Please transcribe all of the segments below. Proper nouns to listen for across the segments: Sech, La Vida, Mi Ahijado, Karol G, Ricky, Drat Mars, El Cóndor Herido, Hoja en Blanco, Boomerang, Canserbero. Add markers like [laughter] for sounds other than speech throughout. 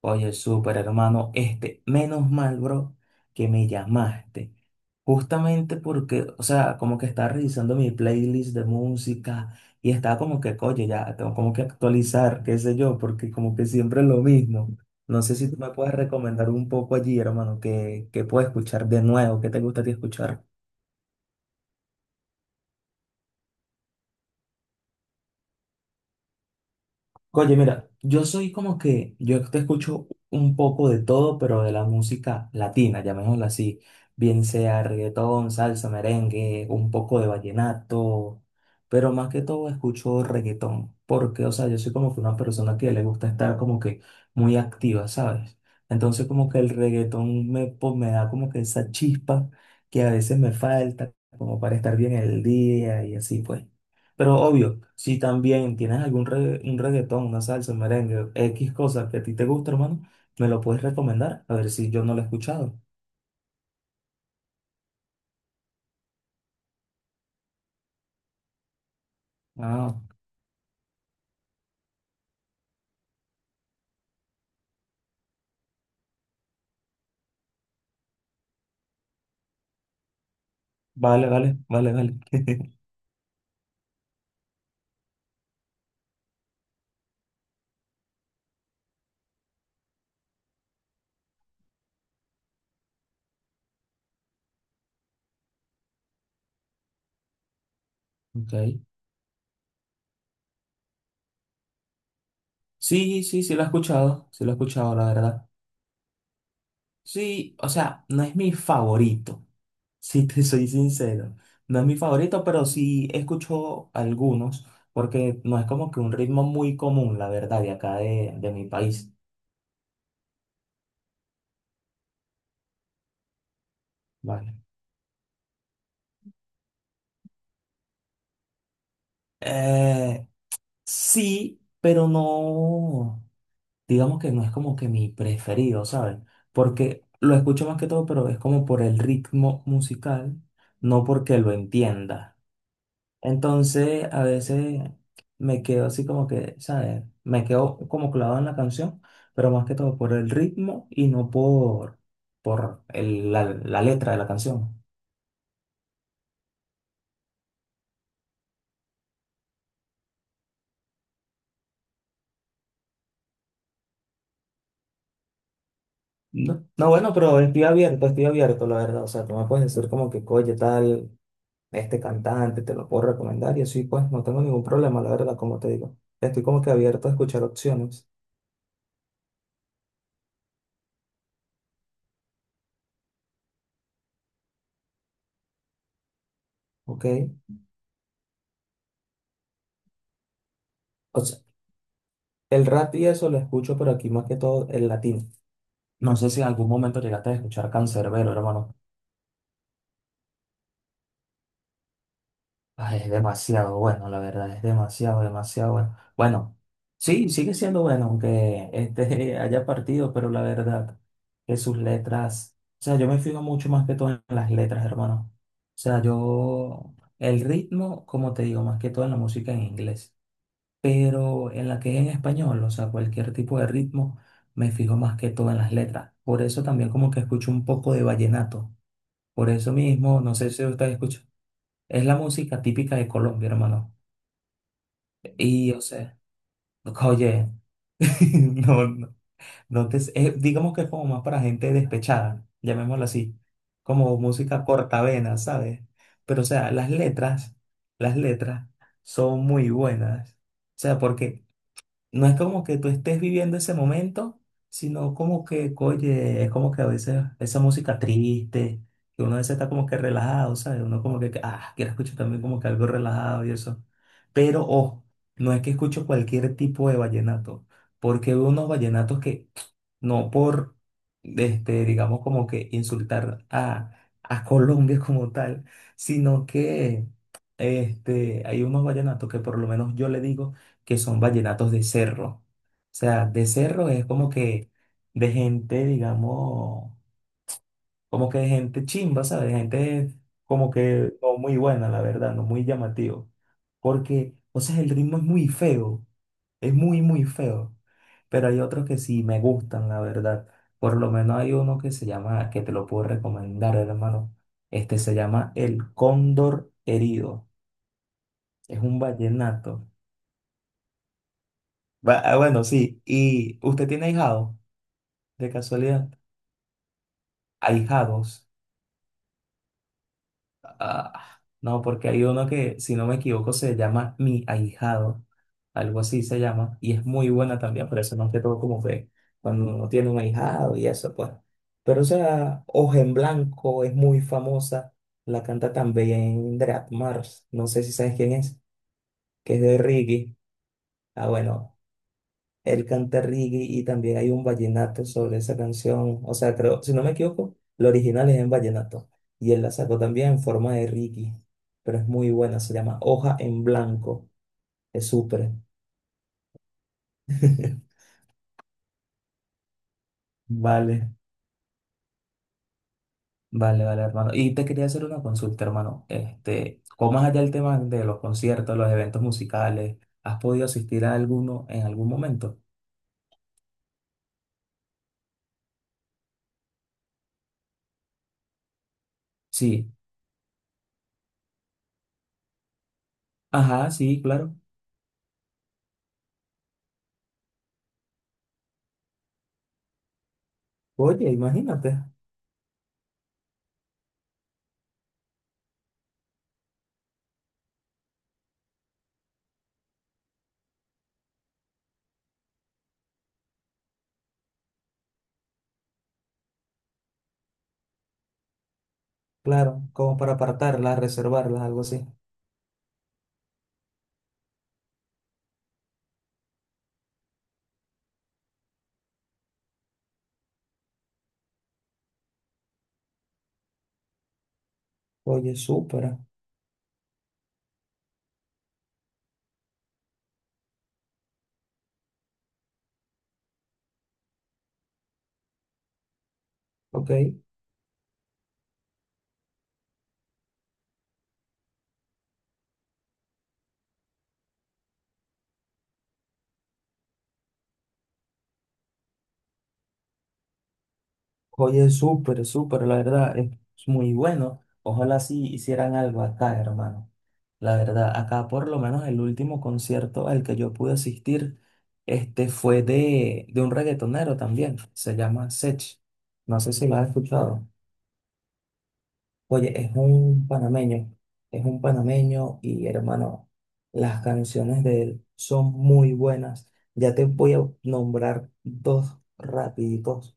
Oye, súper hermano, este, menos mal, bro, que me llamaste. Justamente porque, o sea, como que estaba revisando mi playlist de música y estaba como que, oye, ya tengo como que actualizar, qué sé yo, porque como que siempre es lo mismo. No sé si tú me puedes recomendar un poco allí, hermano, que puedo escuchar de nuevo, qué te gusta a ti escuchar. Oye, mira, yo soy como que, yo te escucho un poco de todo, pero de la música latina, llamémosla así, bien sea reggaetón, salsa, merengue, un poco de vallenato, pero más que todo escucho reggaetón, porque, o sea, yo soy como que una persona que le gusta estar como que muy activa, ¿sabes? Entonces como que el reggaetón me, me da como que esa chispa que a veces me falta, como para estar bien el día y así, pues. Pero obvio, si también tienes algún un reggaetón, una salsa, un merengue, X cosas que a ti te gusta, hermano, me lo puedes recomendar, a ver si yo no lo he escuchado. Ah, vale, vale, vale, vale. [laughs] Ok. Sí, sí, sí lo he escuchado, sí lo he escuchado, la verdad. Sí, o sea, no es mi favorito, [laughs] si te soy sincero. No es mi favorito, pero sí escucho algunos, porque no es como que un ritmo muy común, la verdad, de acá de mi país. Vale. Eh, sí, pero no, digamos que no es como que mi preferido, ¿sabes? Porque lo escucho más que todo, pero es como por el ritmo musical, no porque lo entienda. Entonces, a veces me quedo así como que, ¿sabes? Me quedo como clavado en la canción, pero más que todo por el ritmo y no por, por la, la letra de la canción. No, no, bueno, pero estoy abierto, la verdad. O sea, tú me puedes decir como que, oye, tal. Este cantante, te lo puedo recomendar y así pues no tengo ningún problema, la verdad, como te digo. Estoy como que abierto a escuchar opciones, ¿ok? O sea, el rap y eso lo escucho, pero aquí más que todo el latino. No sé si en algún momento llegaste a escuchar Canserbero, hermano. Ay, es demasiado bueno, la verdad, es demasiado, demasiado bueno. Bueno, sí, sigue siendo bueno, aunque este [laughs] haya partido, pero la verdad que sus letras, o sea, yo me fijo mucho más que todo en las letras, hermano. O sea, yo, el ritmo, como te digo, más que todo en la música en inglés, pero en la que es en español, o sea, cualquier tipo de ritmo, me fijo más que todo en las letras. Por eso también como que escucho un poco de vallenato. Por eso mismo, no sé si ustedes escuchan. Es la música típica de Colombia, hermano. Y, o sea, oye, [laughs] no, no, no te, es- digamos que es como más para gente despechada, llamémoslo así, como música cortavena, ¿sabes? Pero, o sea, las letras son muy buenas. O sea, porque no es como que tú estés viviendo ese momento, sino como que, oye, es como que a veces esa música triste, que uno a veces está como que relajado, ¿sabes? Uno como que, ah, quiero escuchar también como que algo relajado y eso. Pero, ojo, no es que escucho cualquier tipo de vallenato, porque hay unos vallenatos que, no por, este, digamos como que insultar a Colombia como tal, sino que, este, hay unos vallenatos que por lo menos yo le digo, que son vallenatos de cerro. O sea, de cerro es como que de gente, digamos, como que de gente chimba, ¿sabes? De gente como que no muy buena, la verdad, no muy llamativo. Porque, o sea, el ritmo es muy feo, es muy feo. Pero hay otros que sí me gustan, la verdad. Por lo menos hay uno que se llama, que te lo puedo recomendar, hermano. Este se llama El Cóndor Herido. Es un vallenato. Ah, bueno, sí. ¿Y usted tiene ahijado? De casualidad, ahijados. Ah, no, porque hay uno que, si no me equivoco, se llama Mi Ahijado. Algo así se llama. Y es muy buena también, pero eso más que todo como que cuando uno tiene un ahijado y eso, pues. Pero, o sea, Hoja en Blanco es muy famosa. La canta también Drat Mars. No sé si sabes quién es, que es de Ricky. Ah, bueno, él canta reggae y también hay un vallenato sobre esa canción. O sea, creo, si no me equivoco, lo original es en vallenato y él la sacó también en forma de reggae, pero es muy buena, se llama Hoja en Blanco, es súper. [laughs] Vale, vale, vale, hermano. Y te quería hacer una consulta, hermano. Este, ¿cómo es allá el tema de los conciertos, los eventos musicales? ¿Has podido asistir a alguno en algún momento? Sí. Ajá, sí, claro. Oye, imagínate, claro, como para apartarlas reservarlas algo así. Oye, súper, ok. Oye, súper, súper, la verdad, es muy bueno. Ojalá sí hicieran algo acá, hermano. La verdad, acá por lo menos el último concierto al que yo pude asistir, este fue de un reggaetonero también, se llama Sech. No sé si lo has escuchado. Oye, es un panameño y hermano, las canciones de él son muy buenas. Ya te voy a nombrar dos rapiditos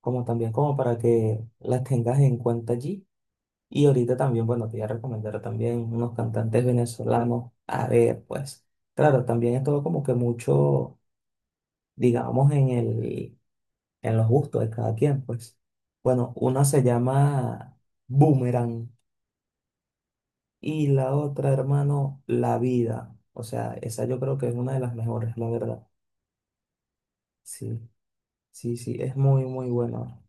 como también como para que las tengas en cuenta allí. Y ahorita también, bueno, te voy a recomendar también unos cantantes venezolanos. A ver, pues, claro, también es todo como que mucho, digamos, en los gustos de cada quien, pues. Bueno, una se llama Boomerang y la otra, hermano, La Vida. O sea, esa yo creo que es una de las mejores, la verdad. Sí, sí, es muy, muy buena.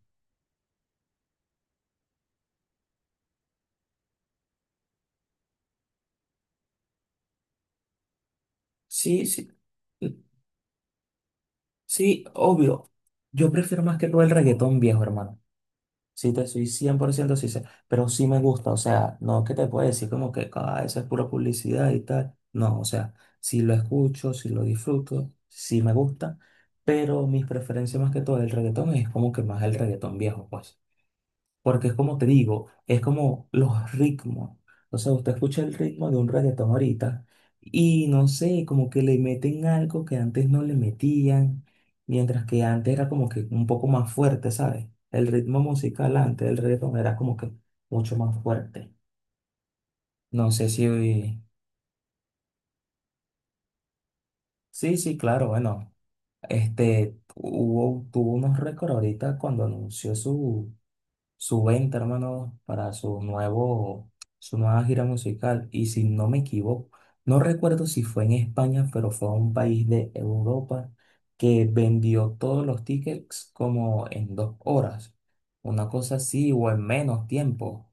Sí, sí. Sí, obvio. Yo prefiero más que todo el reggaetón viejo, hermano. Sí, te soy 100% sincero, pero sí me gusta. O sea, no que te pueda decir como que ah, eso es pura publicidad y tal. No, o sea, sí lo escucho, sí lo disfruto, sí me gusta, pero mis preferencias más que todo el reggaetón es como que más el reggaetón viejo, pues. Porque es como te digo, es como los ritmos. O sea, usted escucha el ritmo de un reggaetón ahorita y no sé, como que le meten algo que antes no le metían, mientras que antes era como que un poco más fuerte, ¿sabes? El ritmo musical antes del reggaetón era como que mucho más fuerte. No sé si... Sí, sí, claro, bueno. Este, hubo, tuvo unos récords ahorita cuando anunció su venta, hermano, su nueva gira musical. Y si no me equivoco, no recuerdo si fue en España, pero fue a un país de Europa que vendió todos los tickets como en 2 horas. Una cosa así o en menos tiempo.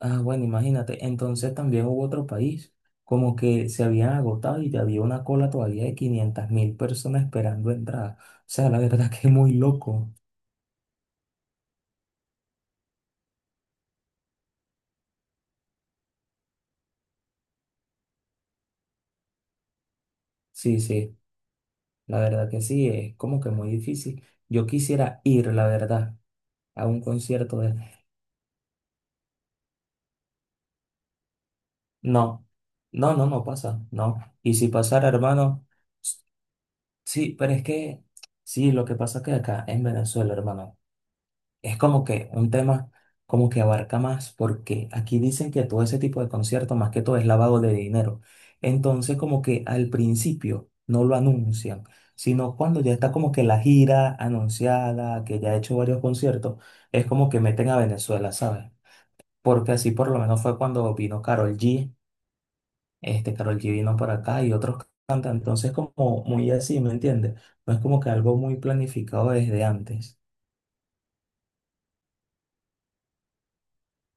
Ah, bueno, imagínate. Entonces también hubo otro país, como que se habían agotado y había una cola todavía de 500.000 personas esperando entrar. O sea, la verdad [laughs] que es muy loco. Sí, sí. La verdad que sí, es como que muy difícil. Yo quisiera ir, la verdad, a un concierto de... No, no, no, no pasa, no. Y si pasara, hermano, s- sí, pero es que, sí, lo que pasa es que acá en Venezuela, hermano. Es como que un tema como que abarca más, porque aquí dicen que todo ese tipo de conciertos, más que todo, es lavado de dinero. Entonces, como que al principio no lo anuncian, sino cuando ya está como que la gira anunciada, que ya ha hecho varios conciertos, es como que meten a Venezuela, ¿sabes? Porque así por lo menos fue cuando vino Karol G, este Karol G vino para acá y otros cantantes, entonces como muy así, ¿me entiendes? No es como que algo muy planificado desde antes,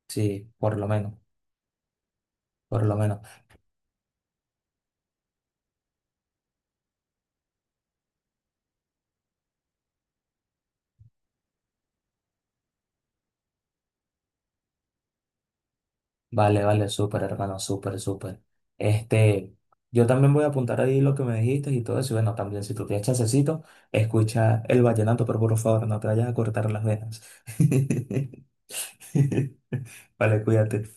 sí, por lo menos, por lo menos. Vale, vale, súper, hermano, súper, súper. Este, yo también voy a apuntar ahí lo que me dijiste y todo eso. Y bueno, también si tú tienes chancecito, escucha el vallenato, pero por favor, no te vayas a cortar las venas. [laughs] Vale, cuídate.